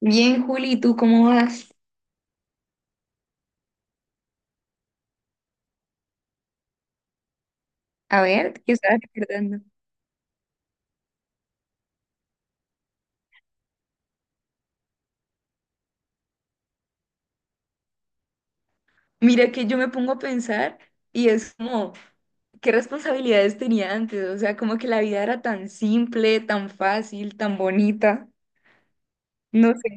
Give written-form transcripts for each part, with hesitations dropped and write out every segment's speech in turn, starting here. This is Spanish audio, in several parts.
Bien, Juli, ¿Tú cómo vas? A ver, ¿qué estabas recordando? Mira que yo me pongo a pensar y es como, ¿qué responsabilidades tenía antes? O sea, como que la vida era tan simple, tan fácil, tan bonita. No sé.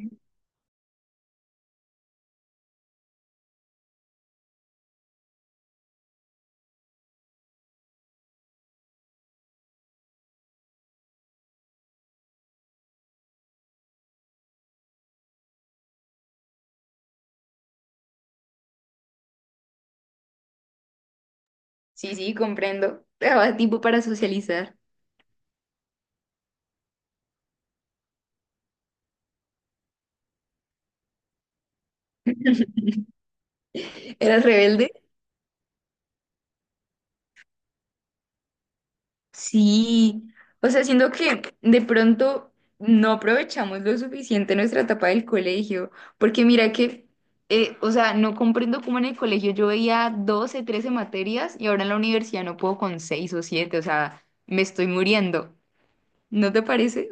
Sí, sí, comprendo. Te daba tiempo para socializar. ¿Eras rebelde? Sí, o sea, siento que de pronto no aprovechamos lo suficiente nuestra etapa del colegio, porque mira que, o sea, no comprendo cómo en el colegio yo veía 12, 13 materias y ahora en la universidad no puedo con 6 o 7, o sea, me estoy muriendo, ¿no te parece?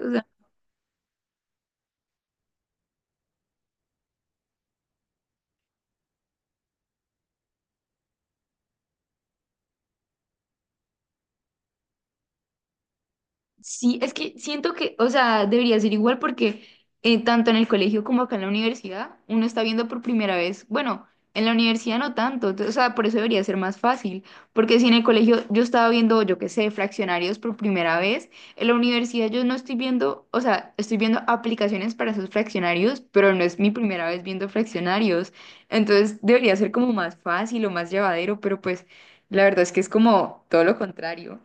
Sí, es que siento que, o sea, debería ser igual porque tanto en el colegio como acá en la universidad, uno está viendo por primera vez, bueno, en la universidad no tanto, o sea, por eso debería ser más fácil, porque si en el colegio yo estaba viendo, yo qué sé, fraccionarios por primera vez, en la universidad yo no estoy viendo, o sea, estoy viendo aplicaciones para esos fraccionarios, pero no es mi primera vez viendo fraccionarios, entonces debería ser como más fácil o más llevadero, pero pues la verdad es que es como todo lo contrario.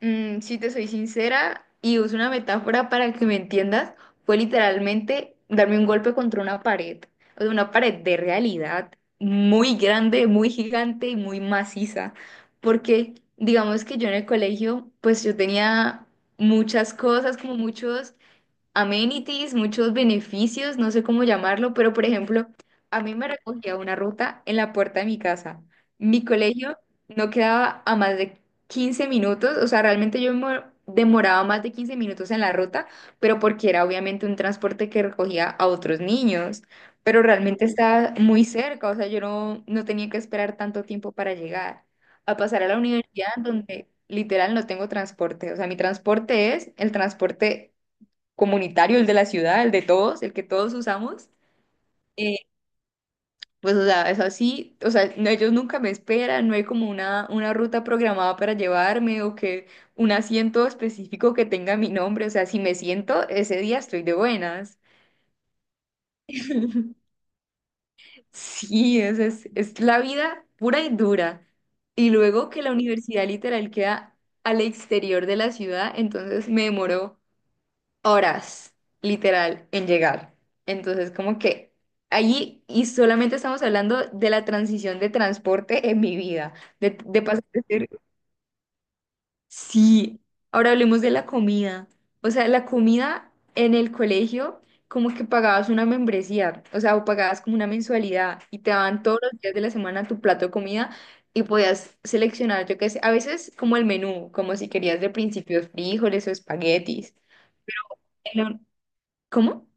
Si te soy sincera y uso una metáfora para que me entiendas, fue literalmente darme un golpe contra una pared, o sea, una pared de realidad muy grande, muy gigante y muy maciza, porque digamos que yo en el colegio, pues yo tenía muchas cosas, como muchos amenities, muchos beneficios, no sé cómo llamarlo, pero por ejemplo, a mí me recogía una ruta en la puerta de mi casa. Mi colegio no quedaba a más de 15 minutos, o sea, realmente yo demoraba más de 15 minutos en la ruta, pero porque era obviamente un transporte que recogía a otros niños, pero realmente estaba muy cerca, o sea, yo no, no tenía que esperar tanto tiempo para llegar. A pasar a la universidad donde literal no tengo transporte, o sea, mi transporte es el transporte comunitario, el de la ciudad, el de todos, el que todos usamos. eh, o sea, es así, o sea, no, ellos nunca me esperan, no hay como una ruta programada para llevarme o que un asiento específico que tenga mi nombre, o sea, si me siento, ese día estoy de buenas. Sí, es la vida pura y dura. Y luego que la universidad literal queda al exterior de la ciudad, entonces me demoró horas, literal, en llegar. Entonces, como que allí, y solamente estamos hablando de la transición de transporte en mi vida, de pasar de ser... Sí, ahora hablemos de la comida. O sea, la comida en el colegio, como que pagabas una membresía, o sea, o pagabas como una mensualidad y te daban todos los días de la semana tu plato de comida. Y podías seleccionar, yo qué sé, a veces como el menú, como si querías de principio frijoles o espaguetis. En la- ¿Cómo?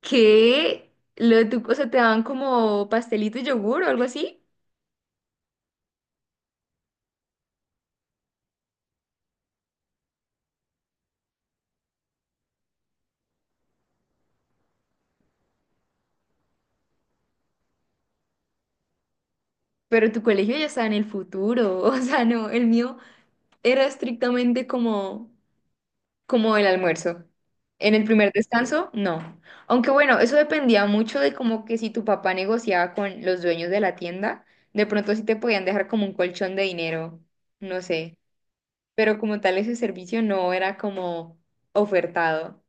Que lo de tu cosa te daban como pastelito y yogur o algo así, pero tu colegio ya estaba en el futuro, o sea, no, el mío era estrictamente como, como el almuerzo. En el primer descanso, no. Aunque bueno, eso dependía mucho de como que si tu papá negociaba con los dueños de la tienda, de pronto sí te podían dejar como un colchón de dinero, no sé, pero como tal ese servicio no era como ofertado.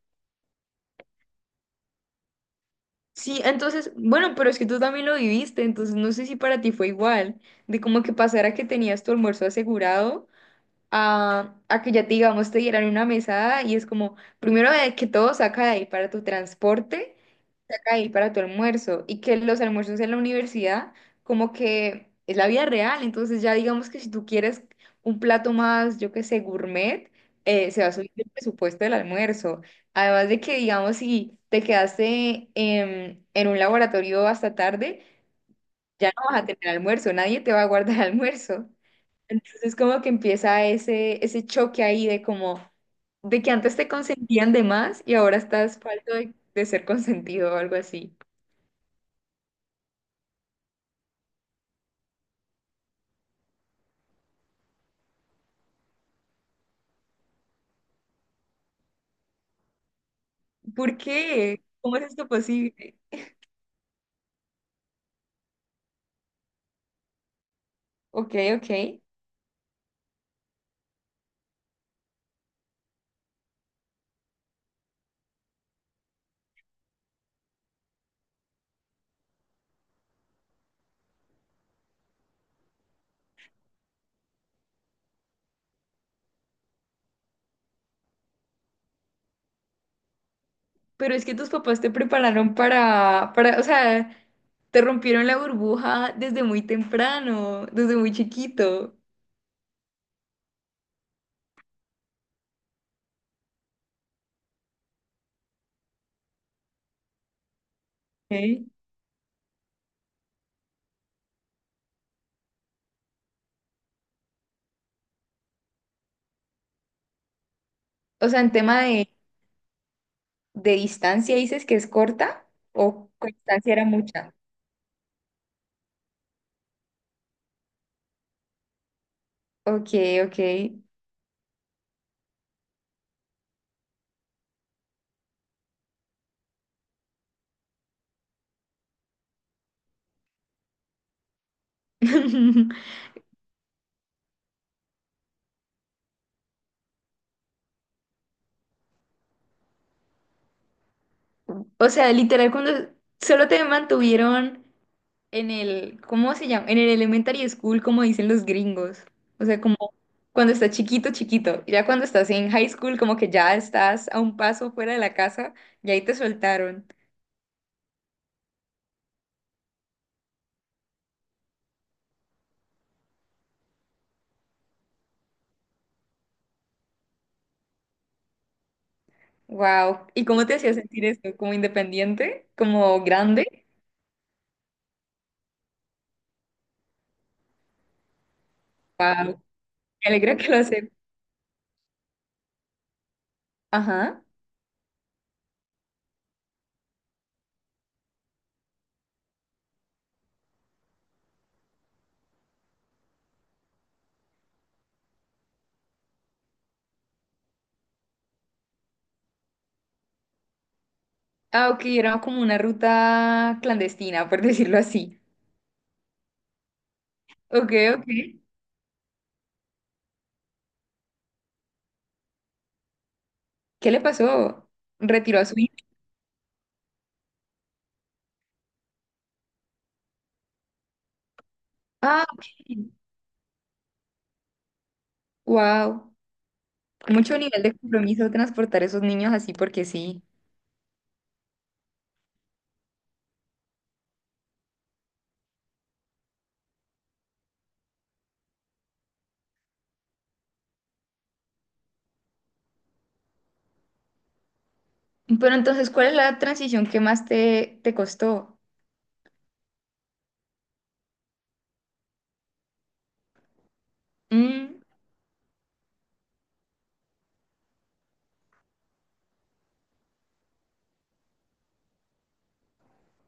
Sí, entonces, bueno, pero es que tú también lo viviste, entonces no sé si para ti fue igual, de como que pasara que tenías tu almuerzo asegurado a que ya te, digamos, te dieran una mesada y es como, primero de que todo saca de ahí para tu transporte ahí para tu almuerzo y que los almuerzos en la universidad como que es la vida real, entonces ya digamos que si tú quieres un plato más, yo qué sé, gourmet, se va a subir el presupuesto del almuerzo. Además de que digamos si te quedaste en un laboratorio hasta tarde, ya no vas a tener almuerzo, nadie te va a guardar almuerzo. Entonces como que empieza ese choque ahí de como de que antes te consentían de más y ahora estás falto de ser consentido o algo así. ¿Por qué? ¿Cómo es esto posible? Ok, ok. Pero es que tus papás te prepararon o sea, te rompieron la burbuja desde muy temprano, desde muy chiquito. Ok. O sea, en tema de distancia, ¿dices que es corta o con distancia era mucha? Ok, ok. O sea, literal, cuando solo te mantuvieron en el, ¿cómo se llama? En el elementary school, como dicen los gringos. O sea, como cuando estás chiquito, chiquito. Y ya cuando estás en high school, como que ya estás a un paso fuera de la casa y ahí te soltaron. Wow. ¿Y cómo te hacía sentir eso? ¿Como independiente? ¿Como grande? Wow. Me alegra que lo haces. Ajá. Ah, ok, era como una ruta clandestina, por decirlo así. Ok, ok. ¿Qué le pasó? ¿Retiró a su hijo? Ah, ok. Wow. Mucho nivel de compromiso transportar esos niños así porque sí. Pero entonces, ¿cuál es la transición que más te costó? Mm,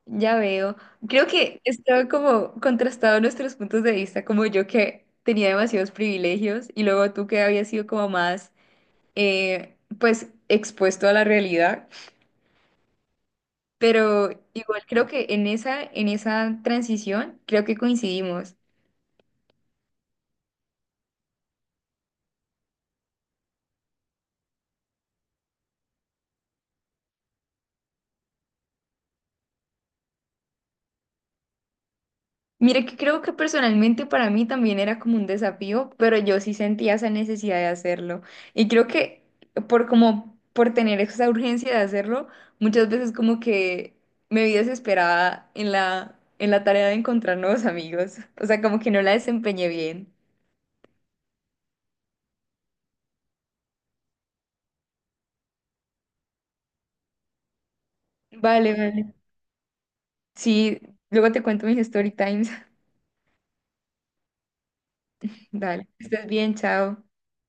ya veo. Creo que estaba como contrastado nuestros puntos de vista, como yo que tenía demasiados privilegios y luego tú que habías sido como más, expuesto a la realidad. Pero igual creo que en esa transición creo que coincidimos. Mire que creo que personalmente para mí también era como un desafío, pero yo sí sentía esa necesidad de hacerlo. Y creo que por tener esa urgencia de hacerlo, muchas veces como que me vi desesperada en la tarea de encontrar nuevos amigos. O sea, como que no la desempeñé bien. Vale, vale. Sí, luego te cuento mis story times. Dale, que estés bien, chao.